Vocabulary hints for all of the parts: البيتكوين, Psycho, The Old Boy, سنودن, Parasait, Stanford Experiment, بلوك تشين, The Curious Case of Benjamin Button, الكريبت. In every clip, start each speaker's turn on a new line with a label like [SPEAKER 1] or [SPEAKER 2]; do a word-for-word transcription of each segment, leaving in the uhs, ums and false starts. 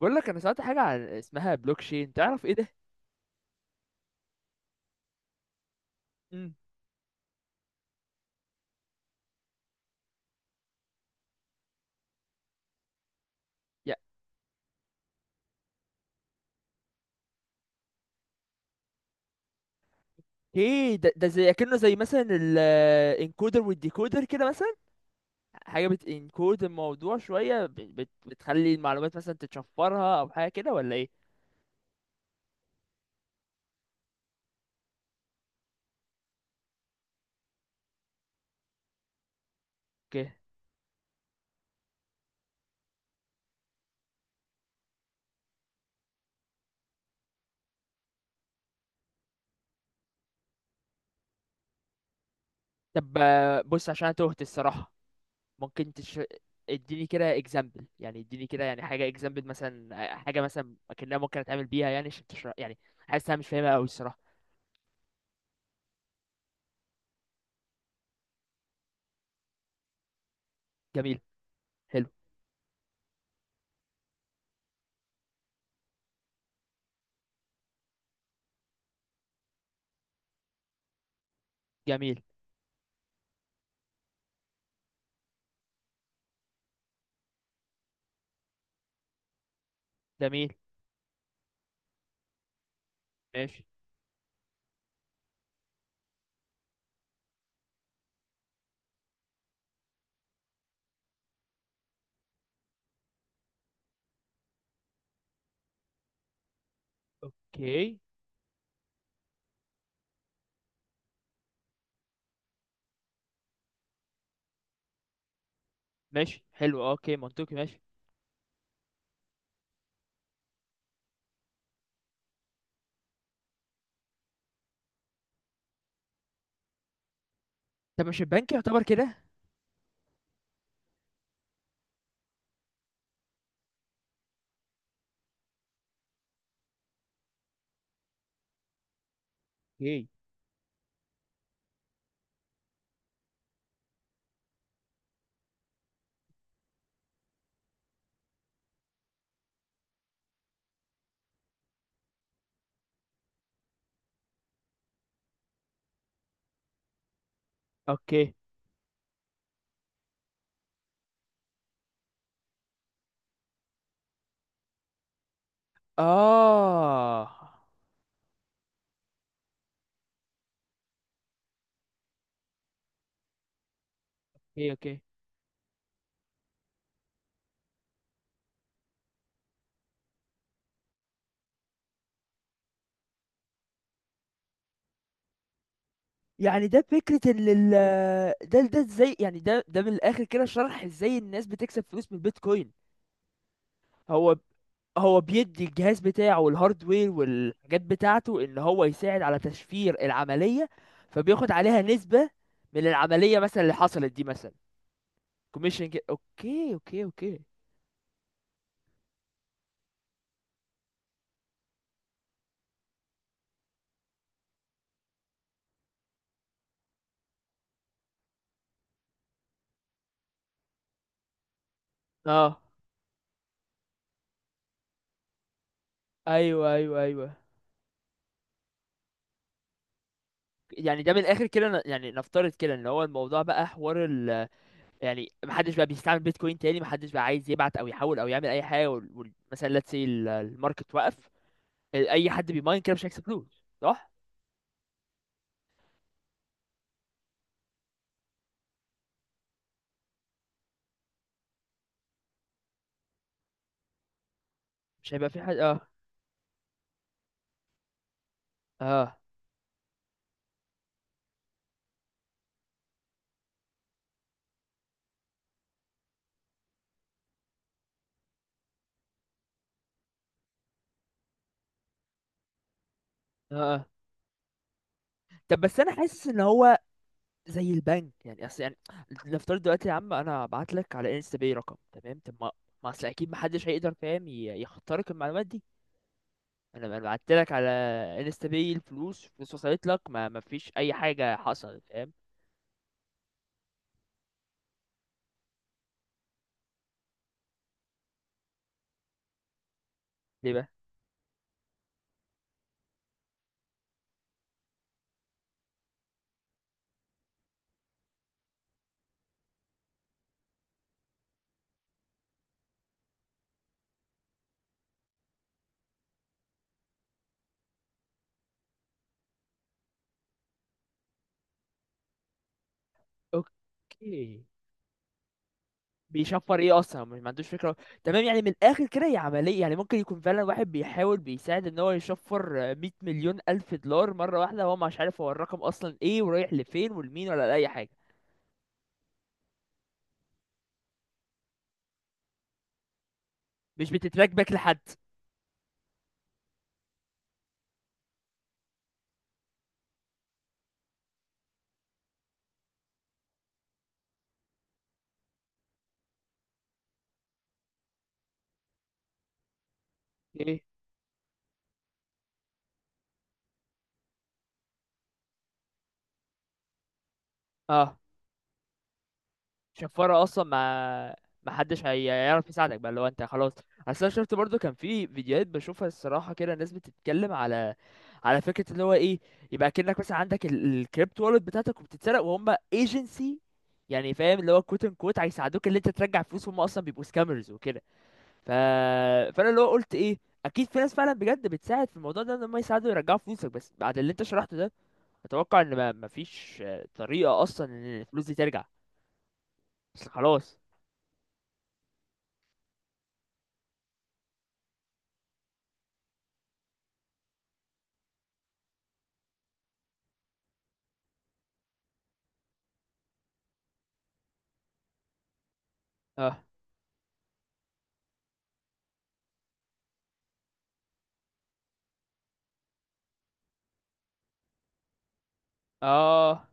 [SPEAKER 1] بقول لك انا سمعت حاجه عن اسمها بلوك تشين، تعرف ايه ده؟ مم. يا، ايه ده ده زي كأنه زي مثلا الانكودر والديكودر كده، مثلا حاجه بتنكود الموضوع شويه، بت بت- بتخلي المعلومات مثلا تتشفرها او حاجه كده، ولا ايه؟ اوكي. طب آه، بص، عشان أنا تهت الصراحه. ممكن تش... اديني كده اكزامبل، يعني اديني كده يعني حاجه اكزامبل مثلا، آه، حاجه مثلا اكنها ممكن اتعامل بيها، يعني عشان تشرح يعني. حاسس انا مش فاهمها قوي الصراحه. جميل. حلو. جميل. جميل. ماشي. اوكي. ماشي، حلو، اه، اوكي، منطقي، ماشي. طب، مش البنك يعتبر كده؟ اوكي، اوكي. اه، اوكي، اوكي. يعني ده فكرة ال ال- ده ده ازاي؟ يعني ده ده من الآخر كده شرح ازاي الناس بتكسب فلوس من البيتكوين. هو، هو بيدي الجهاز بتاعه والهاردوير والحاجات بتاعته ان هو يساعد على تشفير العملية. فبياخد عليها نسبة من العملية مثلا اللي حصلت دي مثلا. كوميشن كده. اوكي، اوكي، اوكي. اه، ايوه، ايوه، ايوه. يعني ده من الاخر كده ن- يعني نفترض كده ان هو الموضوع بقى حوار ال، يعني محدش بقى بيستعمل بيتكوين تاني، محدش بقى عايز يبعت او يحول او يعمل اي حاجه، وال... وال... مثلا ليتس سي الماركت وقف. اي حد بيماين كده مش هيكسب فلوس، صح؟ مش هيبقى في حد، اه. اه. اه. آه. طب بس انا حاسس ان هو زي البنك، يعني اصل يعني نفترض دلوقتي يا عم انا هبعت لك على انستا باي رقم تمام، طب ما، ما اصل اكيد محدش هيقدر، فاهم؟ ي- يخترق المعلومات دي. انا انا بعت لك على انستا باي الفلوس، فلوس وصلت لك، ما ما فيش اي حاجه حصلت، فاهم؟ ليه بقى؟ اوكي. بيشفر ايه اصلا، مش ما عندوش فكره. تمام، يعني من الاخر كده هي عمليه، يعني ممكن يكون فعلا واحد بيحاول بيساعد ان هو يشفر، آه، مية مليون الف دولار مره واحده، هو مش عارف هو الرقم اصلا ايه ورايح لفين ولمين ولا لاي حاجه. مش بتتراك باك لحد. ايه؟ اه. شفارة اصلا، ما ما حدش هي- هيعرف يساعدك بقى لو انت خلاص. اصل انا شفت برضو كان في فيديوهات بشوفها الصراحه كده، الناس بتتكلم على على فكره اللي هو ايه، يبقى كأنك مثلا عندك الكريبت والت بتاعتك وبتتسرق، وهم ايجنسي يعني، فاهم؟ اللي هو كوت ان كوت هيساعدوك اللي انت ترجع فلوس، هم اصلا بيبقوا سكامرز وكده. ف... فانا اللي هو قلت ايه، اكيد في ناس فعلا بجد بتساعد في الموضوع ده ان هم يساعدوا يرجعوا فلوسك، بس بعد اللي انت شرحته ده اتوقع ان ما مفيش، آه، طريقه اصلا ان الفلوس دي ترجع. بس خلاص. اه. اه.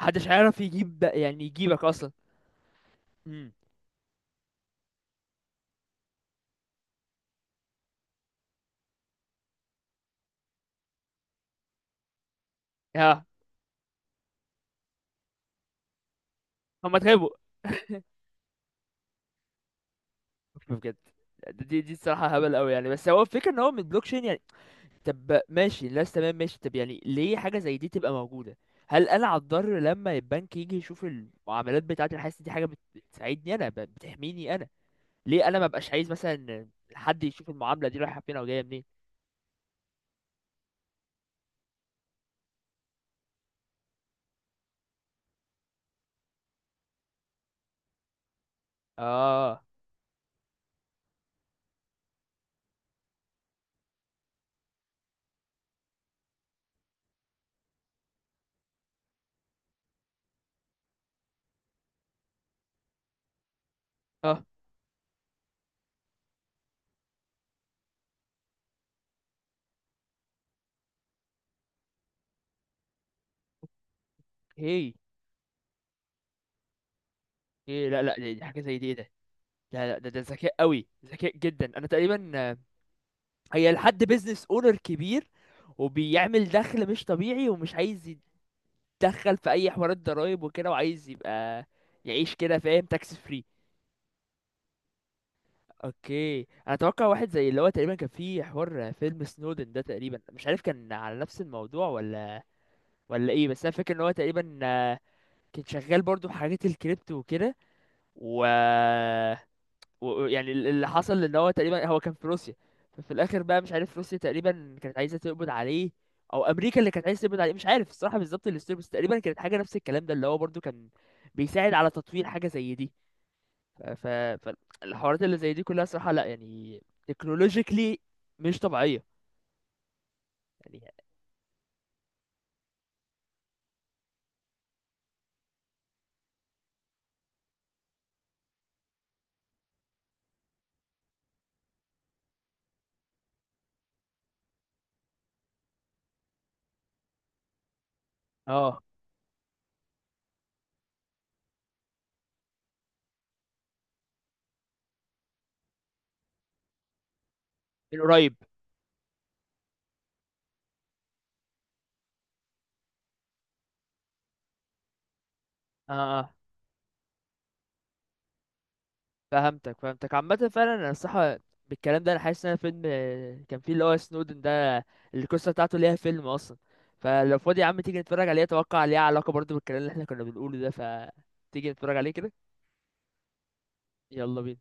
[SPEAKER 1] محدش عارف يجيب بق- يعني يجيبك اصلا. امم. ها. هم اتغابوا. بجد. دي دي الصراحه هبل قوي يعني، بس هو الفكره ان هو من بلوك تشين يعني. طب ماشي، الناس تمام ماشي، طب يعني ليه حاجه زي دي تبقى موجوده؟ هل انا هتضر لما البنك يجي يشوف المعاملات بتاعتي؟ انا حاسس دي حاجه بت- بتساعدني انا، ب- بتحميني انا. ليه انا ما بقاش عايز مثلا حد يشوف المعامله دي رايحه فين او جايه منين؟ اه. اه. هي، ايه، لا، لا، دي دي حاجه زي دي، ايه ده؟ لا، لا، ده ده ذكاء قوي، ذكاء جدا. انا تقريبا هي لحد بيزنس اونر كبير وبيعمل دخل مش طبيعي، ومش عايز يتدخل في اي حوارات ضرايب وكده، وعايز يبقى يعيش كده، فاهم؟ تاكس فري. اوكي. انا اتوقع واحد زي اللي هو تقريبا كان في حوار فيلم سنودن ده، تقريبا مش عارف كان على نفس الموضوع ولا ولا ايه، بس انا فاكر ان هو تقريبا، آه، كان شغال برضو في حاجات الكريبتو وكده. و و- يعني ال- اللي حصل ان هو تقريبا هو كان في روسيا. ففي الاخر بقى مش عارف روسيا تقريبا كانت عايزه تقبض عليه او امريكا اللي كانت عايزه تقبض عليه. مش عارف الصراحه بالظبط الستوري، بس تقريبا كانت حاجه نفس الكلام ده اللي هو برضو كان بيساعد على تطوير حاجه زي دي. ف... ف... فالحوارات اللي زي دي كلها صراحه لا يعني، تكنولوجيكلي مش طبيعيه يعني. اه. من قريب. اه. آه. فهمتك، فهمتك، عامة فعلا انا الصراحة بالكلام ده انا حاسس ان انا فيلم، آه، كان فيه اللي هو سنودن ده، القصة بتاعته ليها فيلم اصلا. فلو فاضي يا عم تيجي نتفرج عليه، اتوقع ليها علاقة برضه بالكلام اللي احنا كنا بنقوله ده، فتيجي نتفرج عليه كده. يلا بينا.